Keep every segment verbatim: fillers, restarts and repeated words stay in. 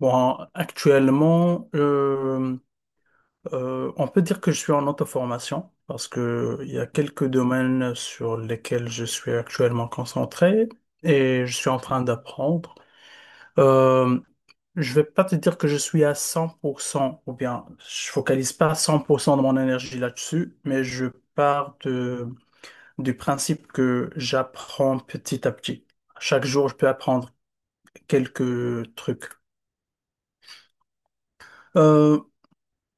Bon, actuellement, euh, euh, on peut dire que je suis en auto-formation parce que il y a quelques domaines sur lesquels je suis actuellement concentré et je suis en train d'apprendre. Euh, je vais pas te dire que je suis à cent pour cent ou bien je focalise pas cent pour cent de mon énergie là-dessus, mais je pars de, du principe que j'apprends petit à petit. Chaque jour, je peux apprendre quelques trucs. Euh,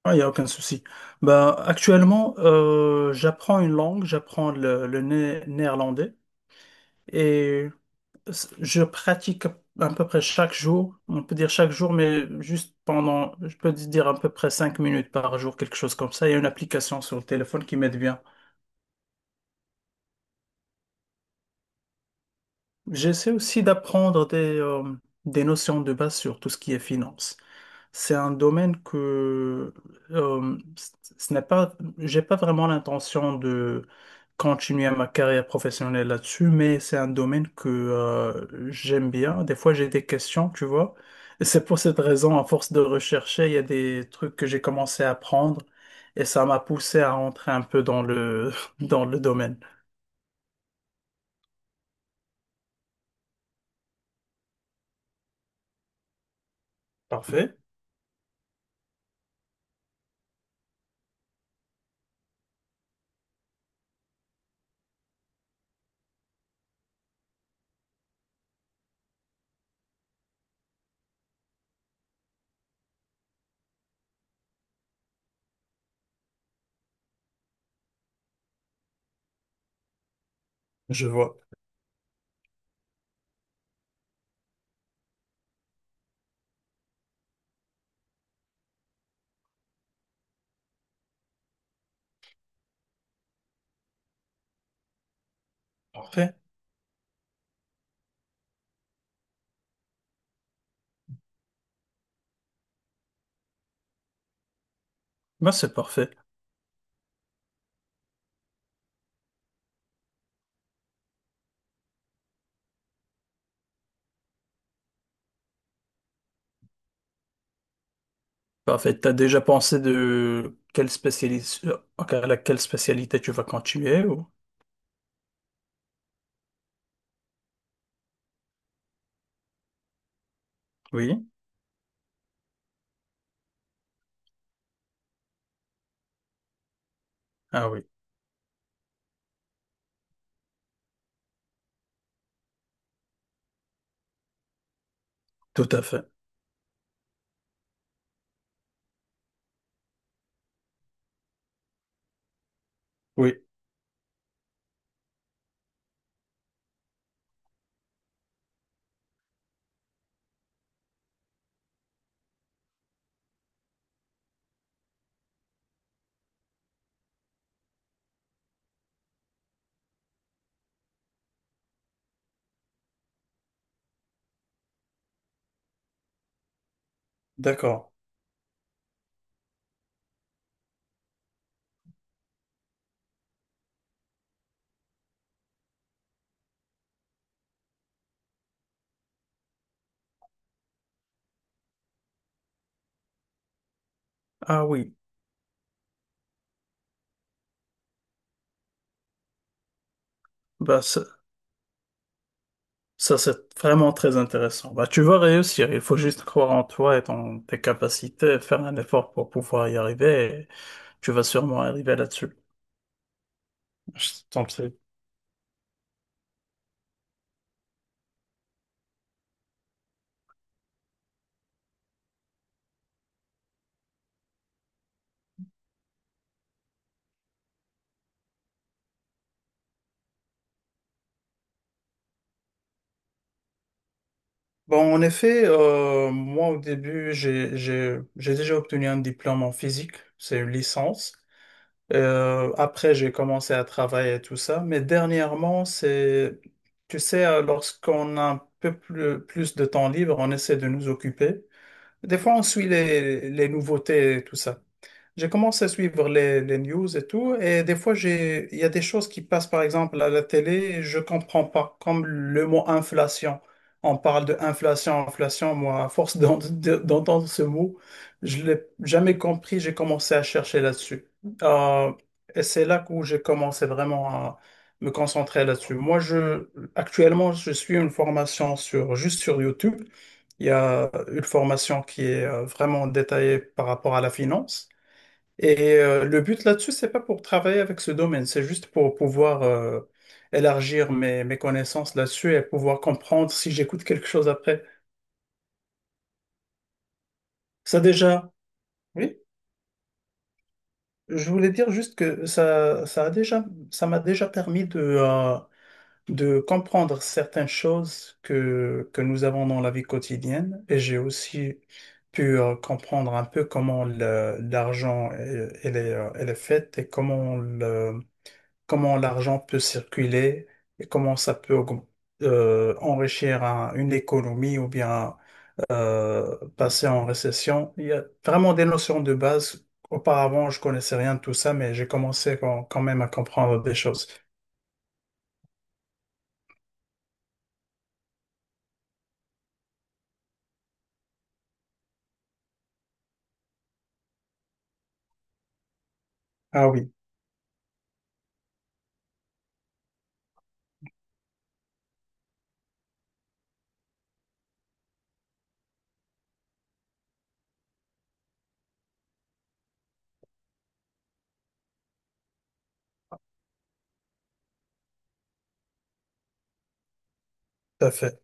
Ah, il n'y a aucun souci. Ben, actuellement, euh, j'apprends une langue, j'apprends le, le né- néerlandais et s- je pratique à peu près chaque jour, on peut dire chaque jour, mais juste pendant, je peux dire à peu près cinq minutes par jour, quelque chose comme ça. Il y a une application sur le téléphone qui m'aide bien. J'essaie aussi d'apprendre des, euh, des notions de base sur tout ce qui est finance. C'est un domaine que euh, c- ce n'est pas, j'ai pas vraiment l'intention de continuer ma carrière professionnelle là-dessus, mais c'est un domaine que euh, j'aime bien. Des fois, j'ai des questions, tu vois. Et c'est pour cette raison, à force de rechercher, il y a des trucs que j'ai commencé à apprendre et ça m'a poussé à rentrer un peu dans le dans le domaine. Parfait, je vois. Parfait. Ben, c'est parfait. Parfait. T'as déjà pensé de quelle spécialité, à laquelle spécialité tu vas continuer ou... Oui. Ah oui, tout à fait. Oui, d'accord. Ah oui, bah ça, ça, c'est vraiment très intéressant. Bah tu vas réussir. Il faut juste croire en toi et ton- tes capacités, faire un effort pour pouvoir y arriver, et tu vas sûrement arriver là-dessus. Je t'en prie. Bon, en effet, euh, moi au début, j'ai j'ai- j'ai déjà obtenu un diplôme en physique. C'est une licence. Euh, après, j'ai commencé à travailler et tout ça. Mais dernièrement, c'est, tu sais, euh, lorsqu'on a un peu plus, plus de temps libre, on essaie de nous occuper. Des fois, on suit les, les nouveautés et tout ça. J'ai commencé à suivre les, les news et tout, et des fois, j'ai, il y a des choses qui passent, par exemple, à la télé, je comprends pas, comme le mot inflation. On parle de inflation, inflation, moi, à force d'en- de- d'entendre ce mot, je l'ai jamais compris, j'ai commencé à chercher là-dessus. Euh, et c'est là où j'ai commencé vraiment à me concentrer là-dessus. Moi, je, actuellement, je suis une formation sur, juste sur YouTube. Il y a une formation qui est euh, vraiment détaillée par rapport à la finance. Et euh, le but là-dessus, c'est pas pour travailler avec ce domaine, c'est juste pour pouvoir euh, élargir mes, mes connaissances là-dessus et pouvoir comprendre si j'écoute quelque chose après. Ça déjà, oui, je voulais dire juste que ça, ça a déjà, ça m'a déjà permis de, euh, de comprendre certaines choses que, que nous avons dans la vie quotidienne. Et j'ai aussi pu euh, comprendre un peu comment le- l'argent elle, elle est, euh, elle est faite et comment comment l'argent peut circuler et comment ça peut augm- euh, enrichir un- une économie ou bien euh, passer en récession. Il y a vraiment des notions de base. Auparavant, je connaissais rien de tout ça, mais j'ai commencé quand, quand même à comprendre des choses. Ah oui, tout à fait.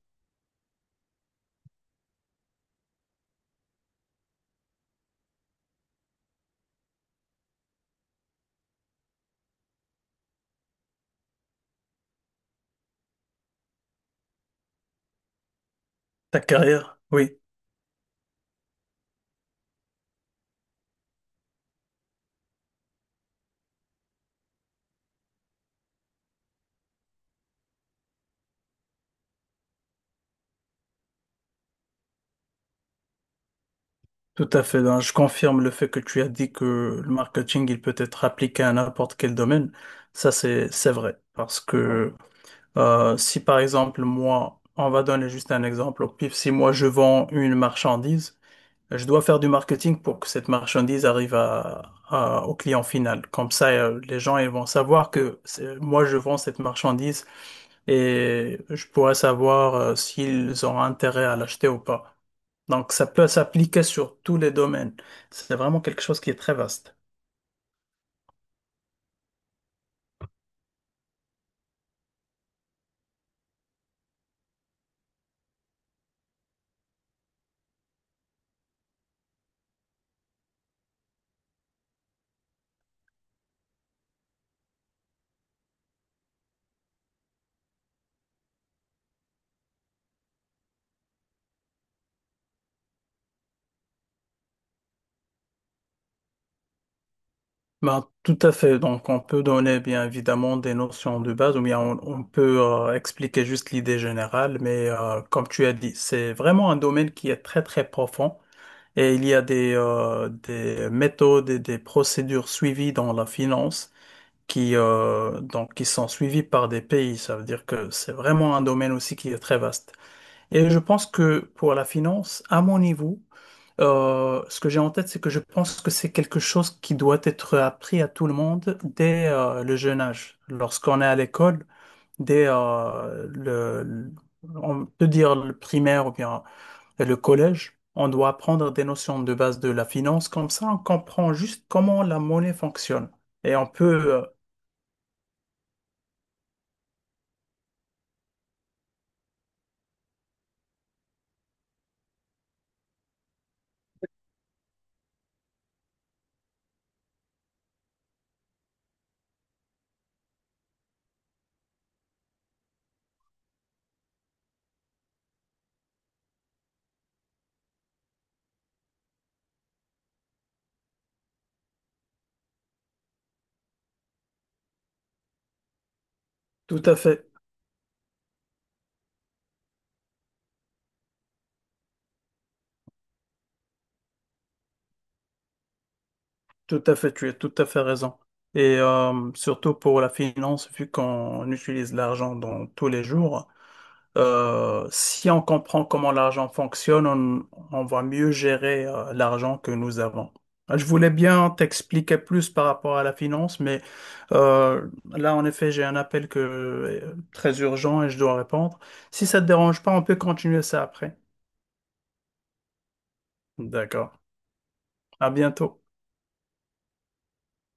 Ta carrière, oui, tout à fait, hein. Je confirme le fait que tu as dit que le marketing, il peut être appliqué à n'importe quel domaine. Ça, c'est, c'est vrai. Parce Ouais. que Euh, si par exemple, moi, on va donner juste un exemple au pif, si moi je vends une marchandise, je dois faire du marketing pour que cette marchandise arrive à, à- au client final. Comme ça, euh, les gens ils vont savoir que c'est- moi je vends cette marchandise, et je pourrais savoir euh, s'ils ont intérêt à l'acheter ou pas. Donc ça peut s'appliquer sur tous les domaines. C'est vraiment quelque chose qui est très vaste. Ben, tout à fait. Donc, on peut donner bien évidemment des notions de base ou bien on, on peut euh, expliquer juste l'idée générale, mais euh, comme tu as dit, c'est vraiment un domaine qui est très très profond, et il y a des, euh, des méthodes et des procédures suivies dans la finance qui, euh, donc, qui sont suivies par des pays. Ça veut dire que c'est vraiment un domaine aussi qui est très vaste. Et je pense que pour la finance, à mon niveau, euh, ce que j'ai en tête, c'est que je pense que c'est quelque chose qui doit être appris à tout le monde dès euh, le jeune âge. Lorsqu'on est à l'école, dès euh, le, le- on peut dire le primaire ou bien le collège, on doit apprendre des notions de base de la finance. Comme ça, on comprend juste comment la monnaie fonctionne. Et on peut euh, tout à fait, tout à fait, tu as tout à fait raison. Et euh, surtout pour la finance, vu qu'on utilise l'argent dans tous les jours. Euh, si on comprend comment l'argent fonctionne, on, on va mieux gérer euh, l'argent que nous avons. Euh, Je voulais bien t'expliquer plus par rapport à la finance, mais euh, là, en effet, j'ai un appel que, euh, très urgent et je dois répondre. Si ça te dérange pas, on peut continuer ça après. D'accord. À bientôt.